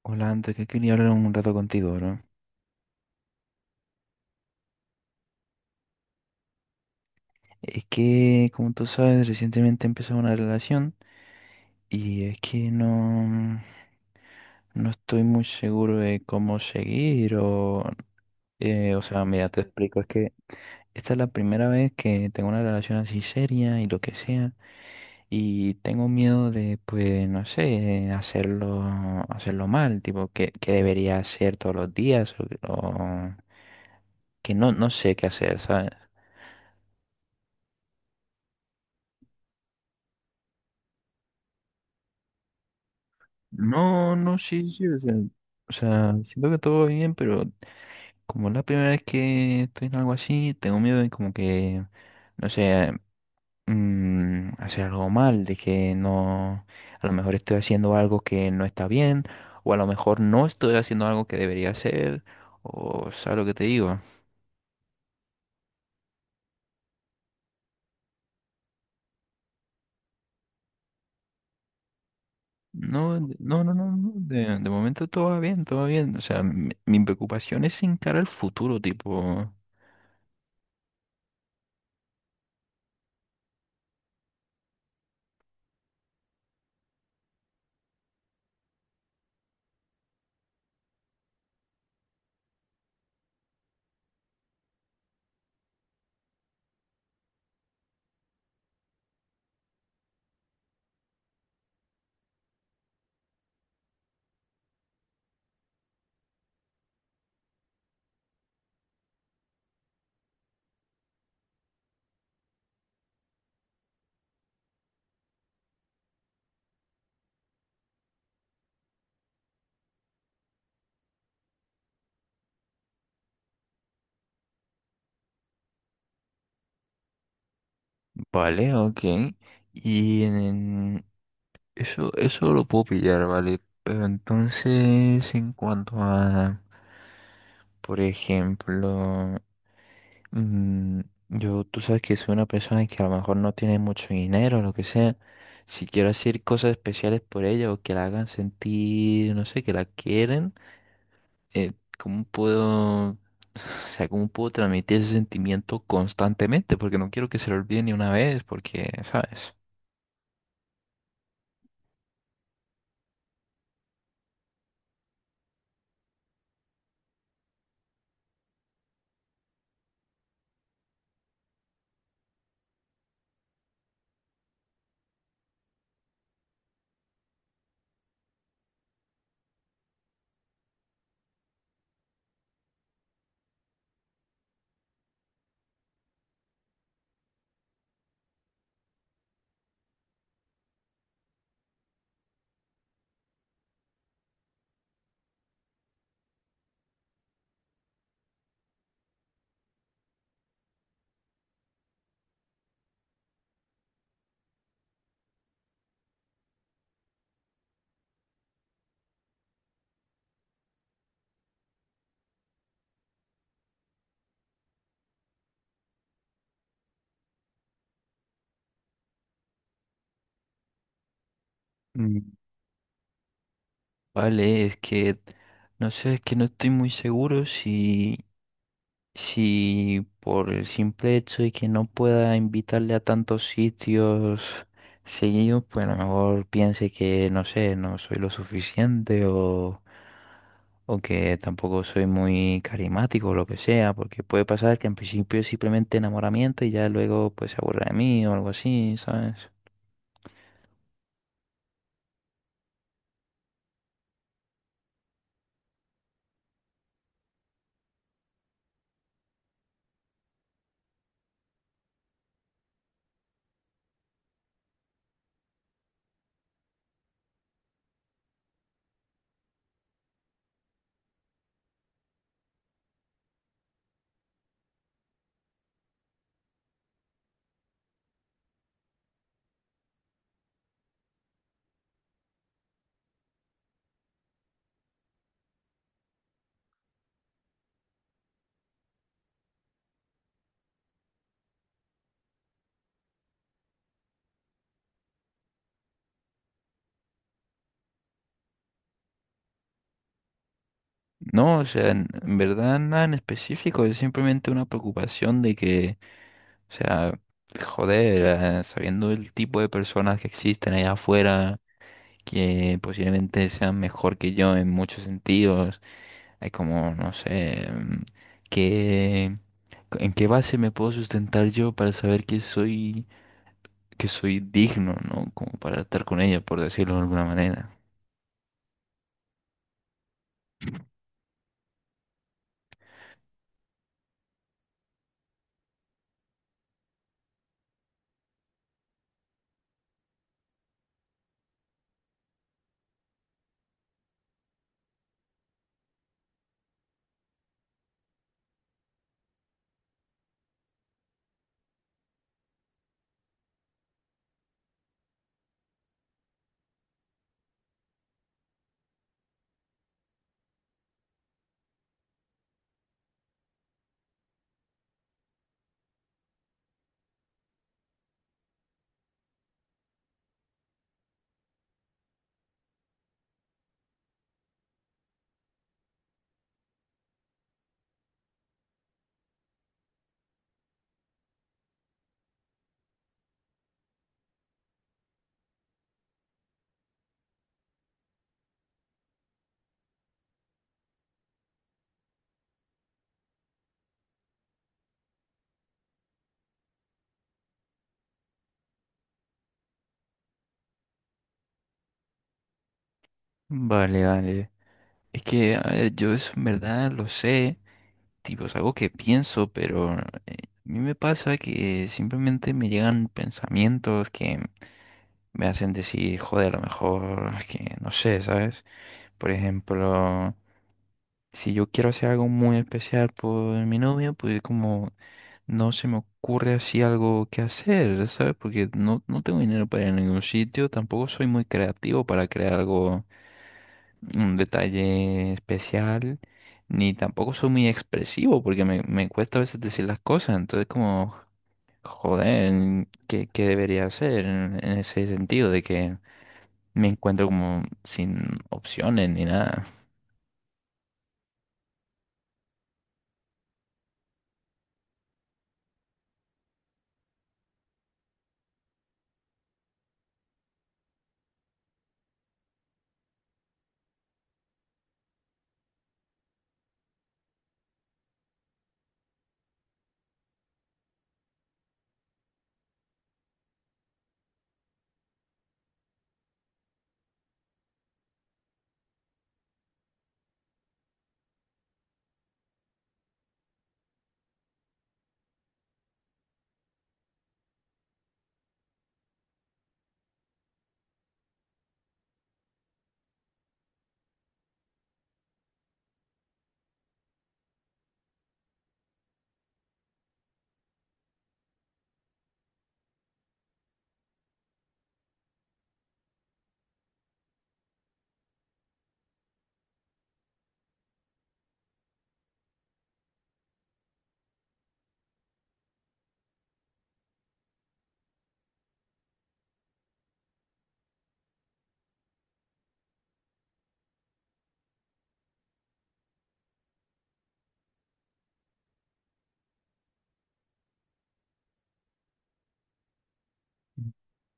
Hola, antes que quería hablar un rato contigo, bro. Es que, como tú sabes, recientemente empezó una relación y es que no, no estoy muy seguro de cómo seguir. O... O sea, mira, te explico, es que esta es la primera vez que tengo una relación así seria y lo que sea, y tengo miedo de, pues, no sé, hacerlo, hacerlo mal, tipo, que debería hacer todos los días, o que no, no sé qué hacer, ¿sabes? No, no, sí, sí, o sea, siento que todo va bien, pero como es la primera vez que estoy en algo así, tengo miedo de como que, no sé, hacer algo mal, de que no, a lo mejor estoy haciendo algo que no está bien, o a lo mejor no estoy haciendo algo que debería hacer, o sabes lo que te digo. No, no, no, no, no, de momento todo va bien, o sea, mi preocupación es encarar el futuro, tipo, vale, ok. Y en, eso lo puedo pillar, ¿vale? Pero entonces, en cuanto a, por ejemplo, mm, yo, tú sabes que soy una persona que a lo mejor no tiene mucho dinero, lo que sea. Si quiero hacer cosas especiales por ella o que la hagan sentir, no sé, que la quieren, eh, ¿cómo puedo, o sea, cómo puedo transmitir ese sentimiento constantemente? Porque no quiero que se lo olvide ni una vez, porque, ¿sabes? Vale, es que no sé, es que no estoy muy seguro si, si por el simple hecho de que no pueda invitarle a tantos sitios seguidos, pues a lo mejor piense que no sé, no soy lo suficiente o que tampoco soy muy carismático o lo que sea, porque puede pasar que en principio es simplemente enamoramiento y ya luego pues se aburra de mí o algo así, ¿sabes? No, o sea, en verdad nada en específico, es simplemente una preocupación de que... O sea, joder, sabiendo el tipo de personas que existen allá afuera, que posiblemente sean mejor que yo en muchos sentidos, hay como, no sé, ¿qué- ¿en qué base me puedo sustentar yo para saber que soy digno, ¿no? Como para estar con ella, por decirlo de alguna manera. Vale, vale. Es que, a ver, yo eso en verdad lo sé. Tipo, es algo que pienso, pero a mí me pasa que simplemente me llegan pensamientos que me hacen decir, joder, a lo mejor, es que no sé, ¿sabes? Por ejemplo, si yo quiero hacer algo muy especial por mi novia, pues como no se me ocurre así algo que hacer, ¿sabes? Porque no, no tengo dinero para ir a ningún sitio, tampoco soy muy creativo para crear algo, un detalle especial, ni tampoco soy muy expresivo porque me cuesta a veces decir las cosas, entonces como, joder, ¿qué debería hacer en ese sentido de que me encuentro como sin opciones ni nada?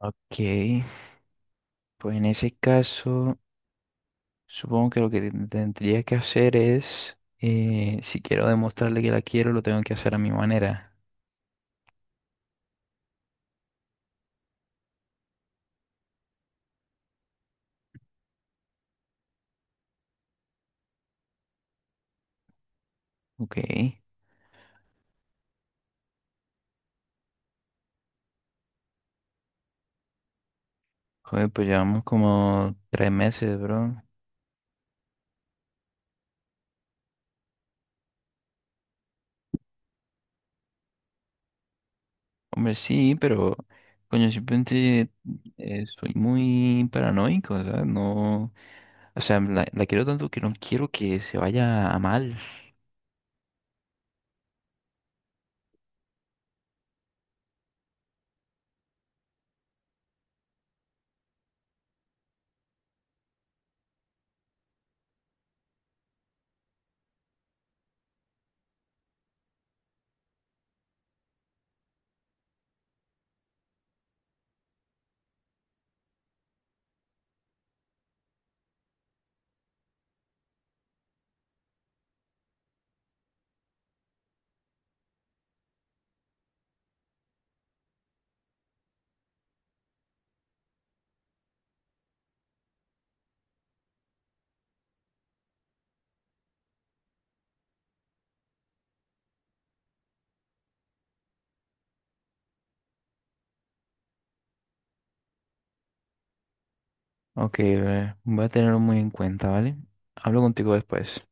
Ok, pues en ese caso, supongo que lo que tendría que hacer es, si quiero demostrarle que la quiero, lo tengo que hacer a mi manera. Ok, joder, pues llevamos como 3 meses, bro. Hombre, sí, pero coño, simplemente soy muy paranoico, o sea, no, o sea, la quiero tanto que no quiero que se vaya a mal. Ok, voy a tenerlo muy en cuenta, ¿vale? Hablo contigo después.